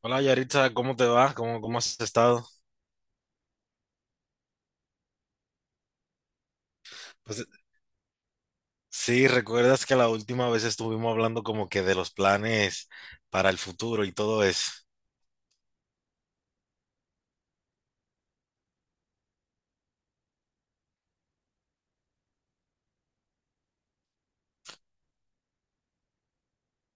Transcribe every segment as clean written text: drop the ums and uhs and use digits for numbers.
Hola Yaritza, ¿cómo te va? ¿Cómo has estado? Pues sí, recuerdas que la última vez estuvimos hablando como que de los planes para el futuro y todo eso.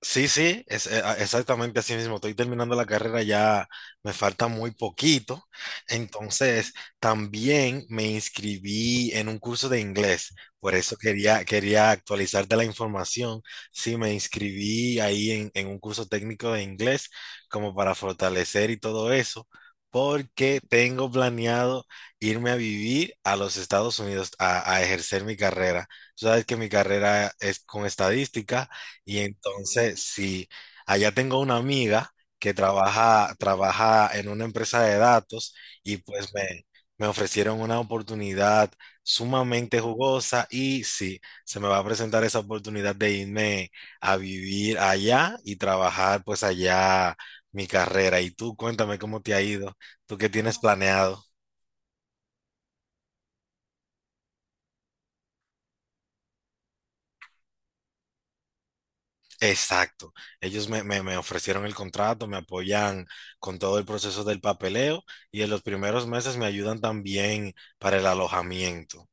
Sí, sí, exactamente así mismo. Estoy terminando la carrera ya, me falta muy poquito. Entonces, también me inscribí en un curso de inglés. Por eso quería actualizarte la información. Sí, me inscribí ahí en un curso técnico de inglés como para fortalecer y todo eso, porque tengo planeado irme a vivir a los Estados Unidos a ejercer mi carrera. Tú sabes que mi carrera es con estadística y entonces, si allá tengo una amiga que trabaja en una empresa de datos y me ofrecieron una oportunidad sumamente jugosa y sí, se me va a presentar esa oportunidad de irme a vivir allá y trabajar pues allá mi carrera. Y tú, cuéntame cómo te ha ido, tú qué tienes planeado. Exacto. Ellos me ofrecieron el contrato, me apoyan con todo el proceso del papeleo y en los primeros meses me ayudan también para el alojamiento.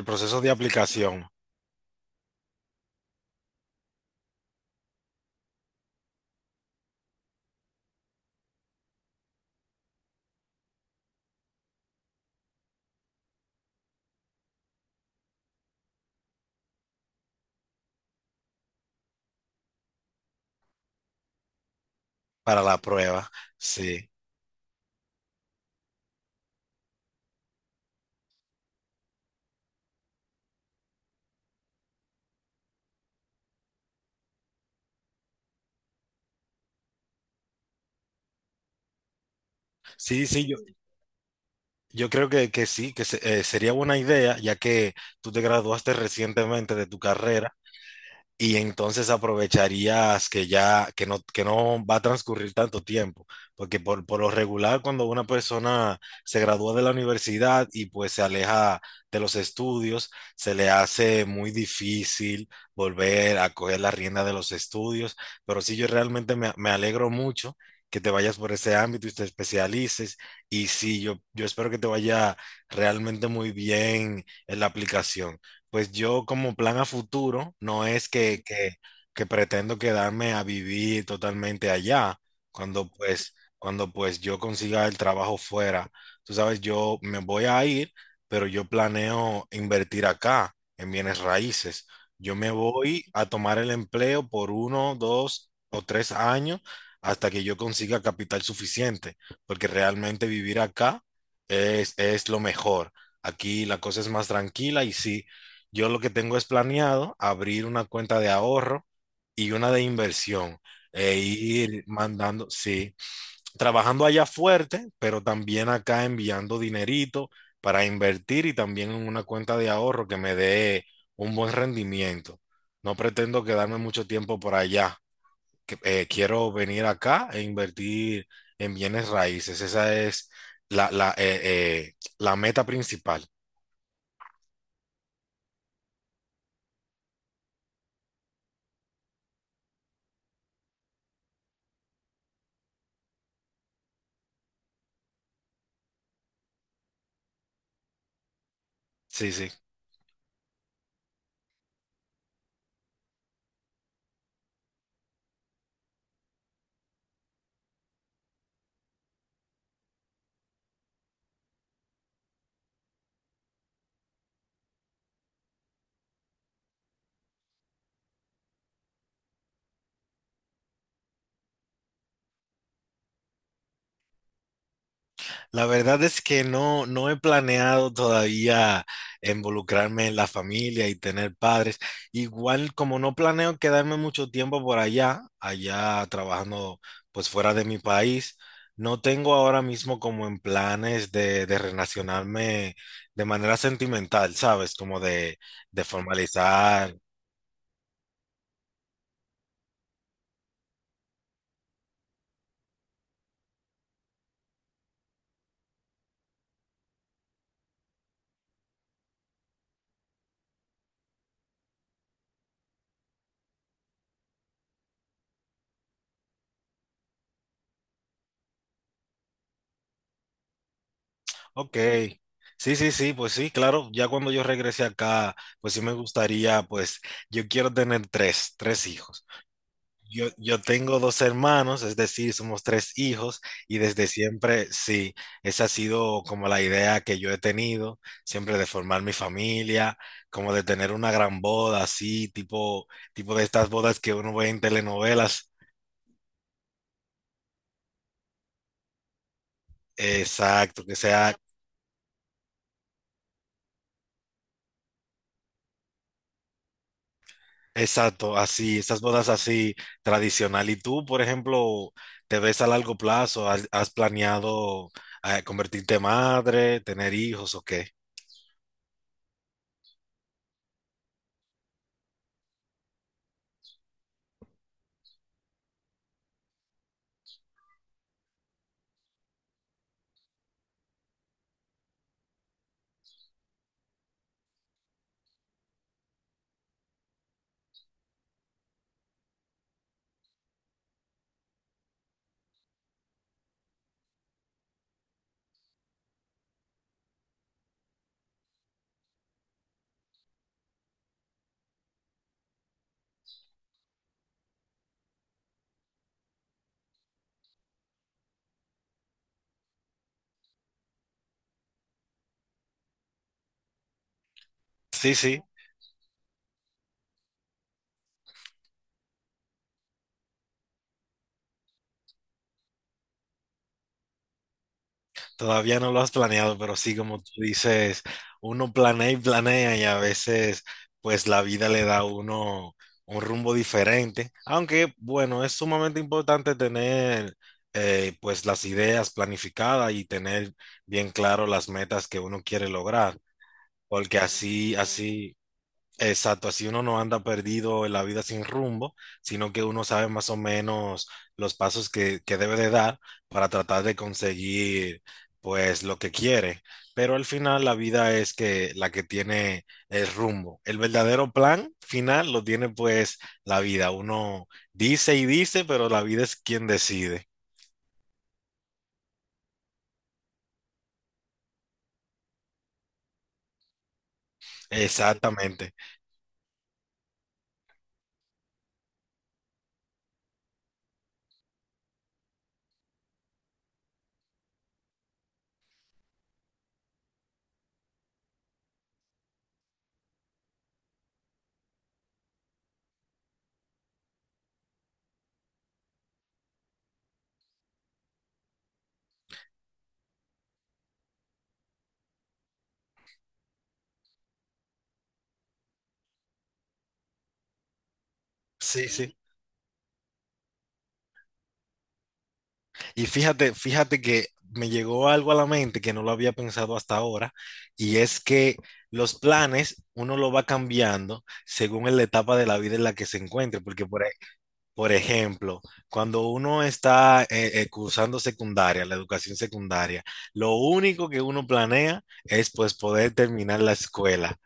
El proceso de aplicación para la prueba, sí. Sí, sí, yo creo que sería buena idea, ya que tú te graduaste recientemente de tu carrera y entonces aprovecharías que ya, que no va a transcurrir tanto tiempo, porque por lo regular cuando una persona se gradúa de la universidad y pues se aleja de los estudios, se le hace muy difícil volver a coger la rienda de los estudios, pero sí yo realmente me alegro mucho que te vayas por ese ámbito y te especialices, y sí, yo espero que te vaya realmente muy bien en la aplicación. Pues yo como plan a futuro no es que pretendo quedarme a vivir totalmente allá, cuando pues yo consiga el trabajo fuera. Tú sabes, yo me voy a ir, pero yo planeo invertir acá en bienes raíces. Yo me voy a tomar el empleo por uno, dos o tres años hasta que yo consiga capital suficiente, porque realmente vivir acá es lo mejor. Aquí la cosa es más tranquila y sí, yo lo que tengo es planeado abrir una cuenta de ahorro y una de inversión e ir mandando, sí, trabajando allá fuerte, pero también acá enviando dinerito para invertir y también en una cuenta de ahorro que me dé un buen rendimiento. No pretendo quedarme mucho tiempo por allá. Quiero venir acá e invertir en bienes raíces. Esa es la, la, eh, la meta principal. Sí, sí. La verdad es que no, no he planeado todavía involucrarme en la familia y tener padres. Igual como no planeo quedarme mucho tiempo por allá, allá trabajando pues fuera de mi país, no tengo ahora mismo como en planes de relacionarme de manera sentimental, ¿sabes? Como de formalizar. Ok. Sí, sí, sí, pues sí, claro, ya cuando yo regrese acá, pues sí me gustaría, pues yo quiero tener tres hijos. Yo tengo dos hermanos, es decir, somos tres hijos y desde siempre, sí, esa ha sido como la idea que yo he tenido, siempre de formar mi familia, como de tener una gran boda, así, tipo de estas bodas que uno ve en telenovelas, exacto, que sea exacto, así, esas bodas así tradicional. ¿Y tú, por ejemplo, te ves a largo plazo? ¿Has planeado convertirte en madre, tener hijos o qué? Sí, sí. Todavía no lo has planeado, pero sí, como tú dices, uno planea y planea y a veces pues la vida le da a uno un rumbo diferente. Aunque bueno, es sumamente importante tener pues las ideas planificadas y tener bien claro las metas que uno quiere lograr, porque así, así exacto, así uno no anda perdido en la vida sin rumbo, sino que uno sabe más o menos los pasos que debe de dar para tratar de conseguir pues lo que quiere. Pero al final la vida es que la que tiene el rumbo. El verdadero plan final lo tiene pues la vida. Uno dice y dice, pero la vida es quien decide. Exactamente. Sí, sí. Y fíjate que me llegó algo a la mente que no lo había pensado hasta ahora, y es que los planes uno lo va cambiando según en la etapa de la vida en la que se encuentre, por ejemplo, cuando uno está cursando secundaria, la educación secundaria, lo único que uno planea es pues poder terminar la escuela.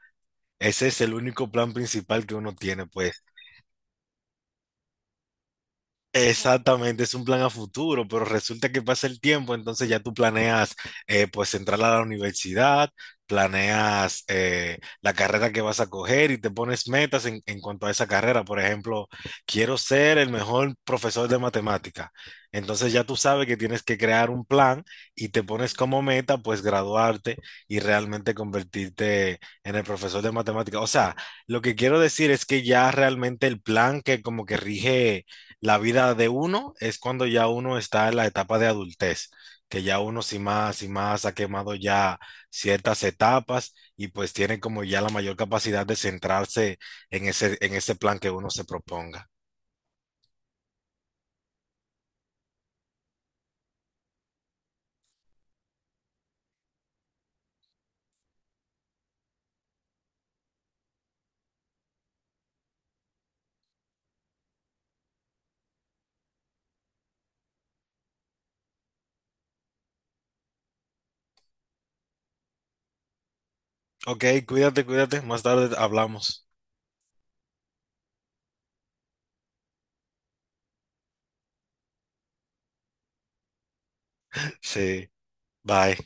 Ese es el único plan principal que uno tiene, pues exactamente, es un plan a futuro, pero resulta que pasa el tiempo, entonces ya tú planeas pues entrar a la universidad, planeas la carrera que vas a coger y te pones metas en cuanto a esa carrera. Por ejemplo, quiero ser el mejor profesor de matemática. Entonces ya tú sabes que tienes que crear un plan y te pones como meta pues graduarte y realmente convertirte en el profesor de matemática. O sea, lo que quiero decir es que ya realmente el plan que como que rige la vida de uno es cuando ya uno está en la etapa de adultez, que ya uno sin más ha quemado ya ciertas etapas y pues tiene como ya la mayor capacidad de centrarse en ese plan que uno se proponga. Ok, cuídate, cuídate. Más tarde hablamos. Sí, bye.